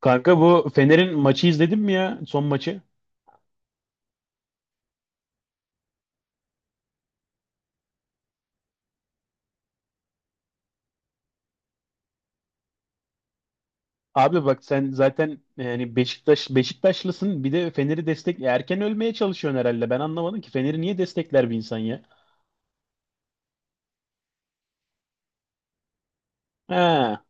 Kanka bu Fener'in maçı izledin mi ya? Son maçı. Abi bak sen zaten yani Beşiktaşlısın. Bir de Fener'i destek erken ölmeye çalışıyorsun herhalde. Ben anlamadım ki Fener'i niye destekler bir insan ya? Ha.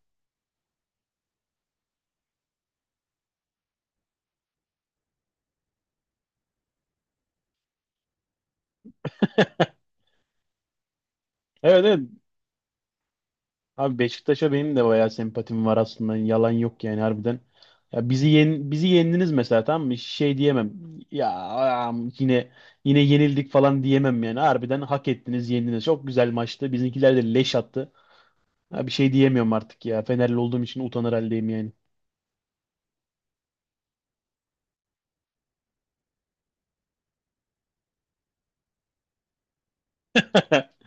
Evet evet. Abi Beşiktaş'a benim de bayağı sempatim var aslında. Yalan yok yani harbiden. Ya bizi yendiniz mesela tamam mı? Şey diyemem. Ya am, yine yine yenildik falan diyemem yani. Harbiden hak ettiniz, yendiniz. Çok güzel maçtı. Bizimkiler de leş attı. Ha, bir şey diyemiyorum artık ya. Fenerli olduğum için utanır haldeyim yani.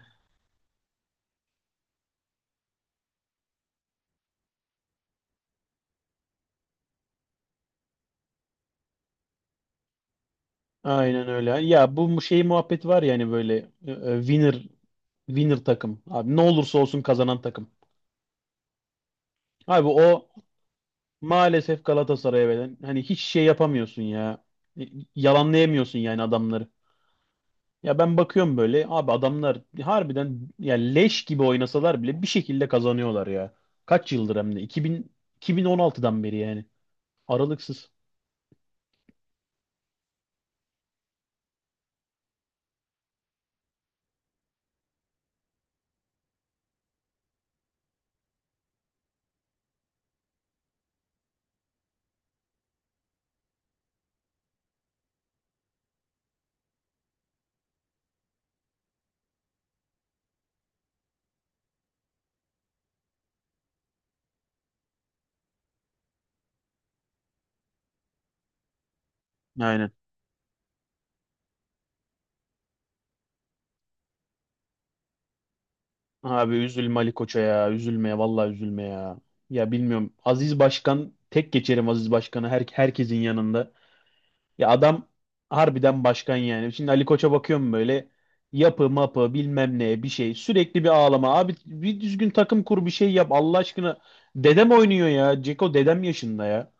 Aynen öyle. Ya şey muhabbet var yani böyle e, e, winner winner takım. Abi ne olursa olsun kazanan takım. Abi o maalesef Galatasaray'a veren hani hiç şey yapamıyorsun ya. Y- Yalanlayamıyorsun yani adamları. Ya ben bakıyorum böyle abi adamlar harbiden ya leş gibi oynasalar bile bir şekilde kazanıyorlar ya. Kaç yıldır hem de 2000 2016'dan beri yani. Aralıksız. Aynen. Abi üzülme Ali Koç'a ya. Üzülme ya. Vallahi üzülme ya. Ya bilmiyorum. Aziz Başkan tek geçerim Aziz Başkan'ı herkesin yanında. Ya adam harbiden başkan yani. Şimdi Ali Koç'a bakıyorum böyle yapı mapı bilmem ne bir şey. Sürekli bir ağlama. Abi bir düzgün takım kur bir şey yap Allah aşkına. Dedem oynuyor ya. Ceko dedem yaşında ya.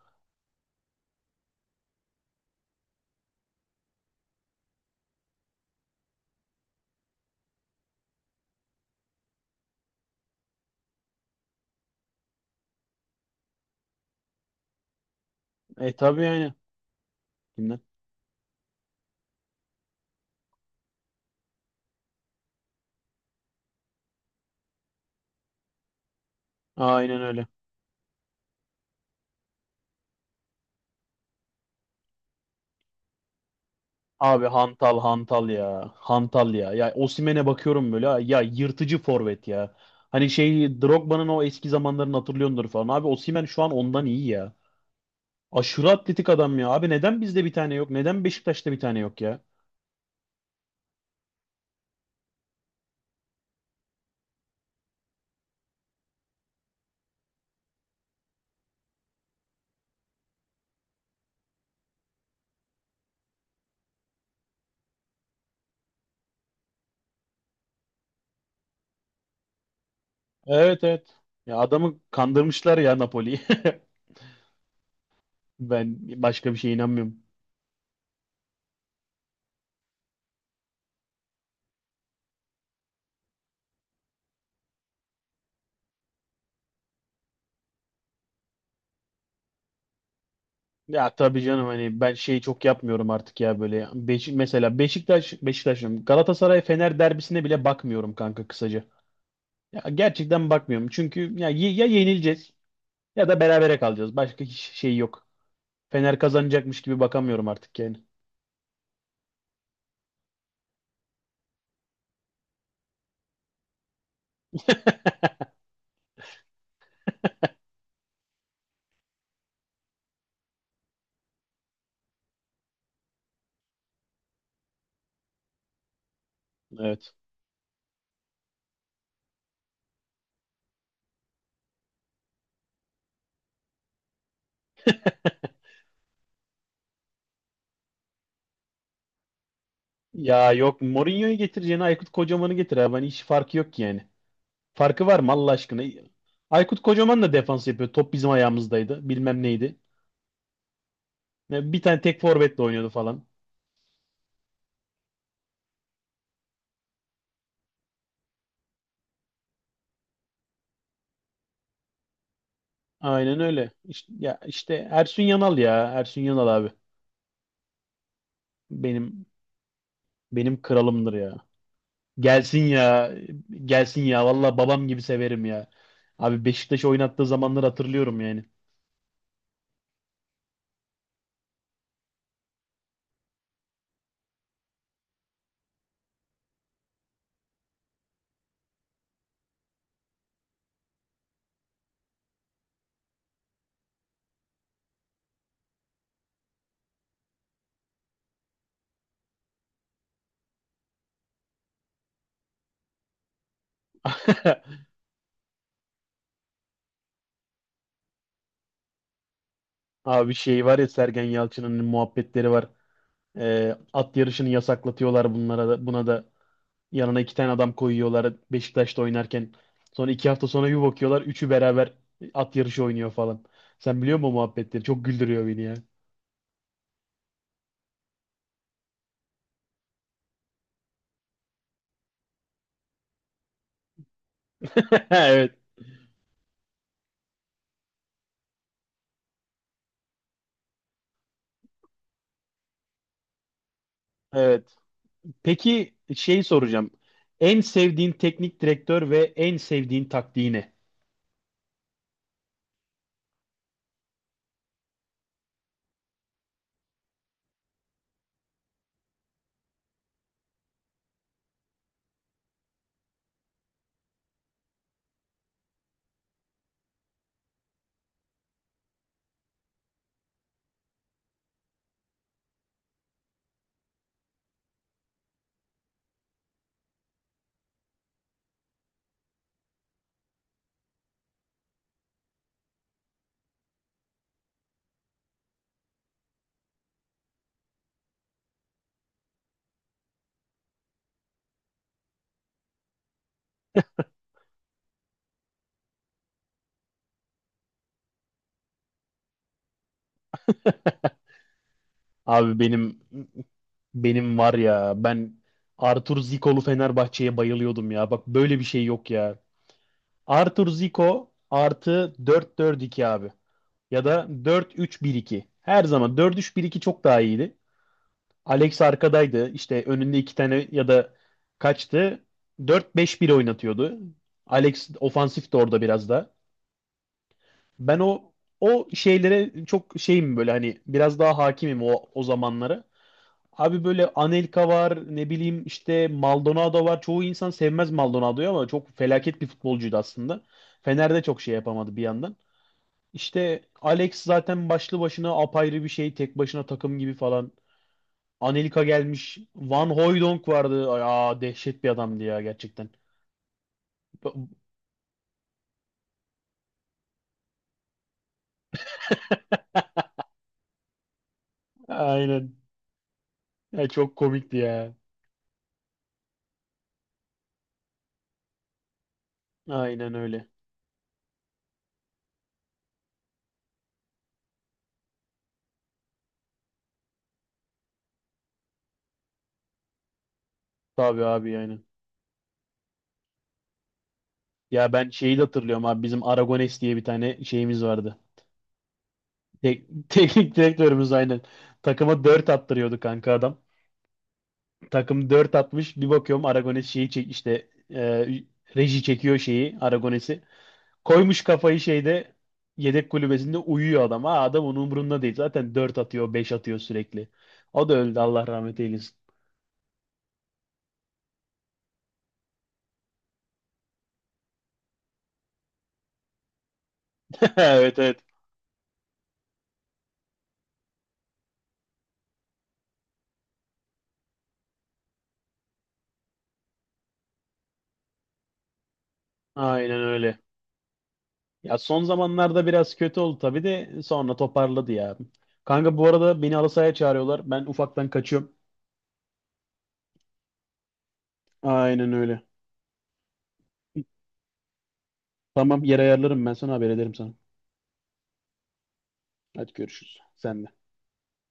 E tabii yani. Kimden? Aynen öyle. Abi hantal hantal ya. Hantal ya. Ya Osimhen'e bakıyorum böyle. Ha, ya yırtıcı forvet ya. Hani şey Drogba'nın o eski zamanlarını hatırlıyordur falan. Abi Osimhen şu an ondan iyi ya. Aşırı atletik adam ya. Abi neden bizde bir tane yok? Neden Beşiktaş'ta bir tane yok ya? Evet evet. Ya adamı kandırmışlar ya Napoli'yi. Ben başka bir şeye inanmıyorum. Ya tabii canım hani ben şeyi çok yapmıyorum artık ya böyle. Mesela Beşiktaş'ım Galatasaray Fener derbisine bile bakmıyorum kanka kısaca. Ya gerçekten bakmıyorum. Çünkü ya, ya yenileceğiz ya da berabere kalacağız. Başka hiç şey yok. Fener kazanacakmış gibi bakamıyorum artık yani. Evet. Ya yok Mourinho'yu getireceğine Aykut Kocaman'ı getir abi. Hani hiç farkı yok ki farkı var mı Allah aşkına? Aykut Kocaman da defans yapıyor. Top bizim ayağımızdaydı. Bilmem neydi. Ya bir tane tek forvetle oynuyordu falan. Aynen öyle. İşte, ya işte Ersun Yanal ya. Ersun Yanal abi. Benim benim kralımdır ya. Gelsin ya. Gelsin ya. Valla babam gibi severim ya. Abi Beşiktaş oynattığı zamanları hatırlıyorum yani. Abi şey var ya Sergen Yalçın'ın muhabbetleri var. At yarışını yasaklatıyorlar bunlara da, buna da yanına iki tane adam koyuyorlar Beşiktaş'ta oynarken. Sonra iki hafta sonra bir bakıyorlar üçü beraber at yarışı oynuyor falan. Sen biliyor musun o muhabbetleri? Çok güldürüyor beni ya. Evet, evet. Peki şey soracağım. En sevdiğin teknik direktör ve en sevdiğin taktiği ne? Abi benim var ya ben Artur Zikol'u Fenerbahçe'ye bayılıyordum ya. Bak böyle bir şey yok ya. Arthur Zico artı dört dört iki abi. Ya da dört üç bir iki. Her zaman dört üç bir iki çok daha iyiydi. Alex arkadaydı. İşte önünde iki tane ya da kaçtı. Dört beş bir oynatıyordu. Alex ofansif de orada biraz da. Ben o şeylere çok şeyim böyle hani biraz daha hakimim o zamanlara. Abi böyle Anelka var ne bileyim işte Maldonado var. Çoğu insan sevmez Maldonado'yu ama çok felaket bir futbolcuydu aslında. Fener'de çok şey yapamadı bir yandan. İşte Alex zaten başlı başına apayrı bir şey. Tek başına takım gibi falan. Anelka gelmiş. Van Hooijdonk vardı. Aa dehşet bir adamdı ya gerçekten. Aynen. Ya, çok komikti ya. Aynen öyle. Tabii abi aynen. Ya ben şeyi de hatırlıyorum abi. Bizim Aragones diye bir tane şeyimiz vardı. Teknik direktörümüz aynen. Takıma 4 attırıyordu kanka adam. Takım 4 atmış. Bir bakıyorum Aragones şeyi çek işte reji çekiyor şeyi Aragones'i. Koymuş kafayı şeyde yedek kulübesinde uyuyor adam. Ha, adam onun umurunda değil. Zaten 4 atıyor, 5 atıyor sürekli. O da öldü Allah rahmet eylesin. Evet evet. Aynen öyle. Ya son zamanlarda biraz kötü oldu tabii de sonra toparladı ya. Kanka bu arada beni halı sahaya çağırıyorlar. Ben ufaktan kaçıyorum. Aynen öyle. Tamam yer ayarlarım ben sana haber ederim sana. Hadi görüşürüz. Sen de.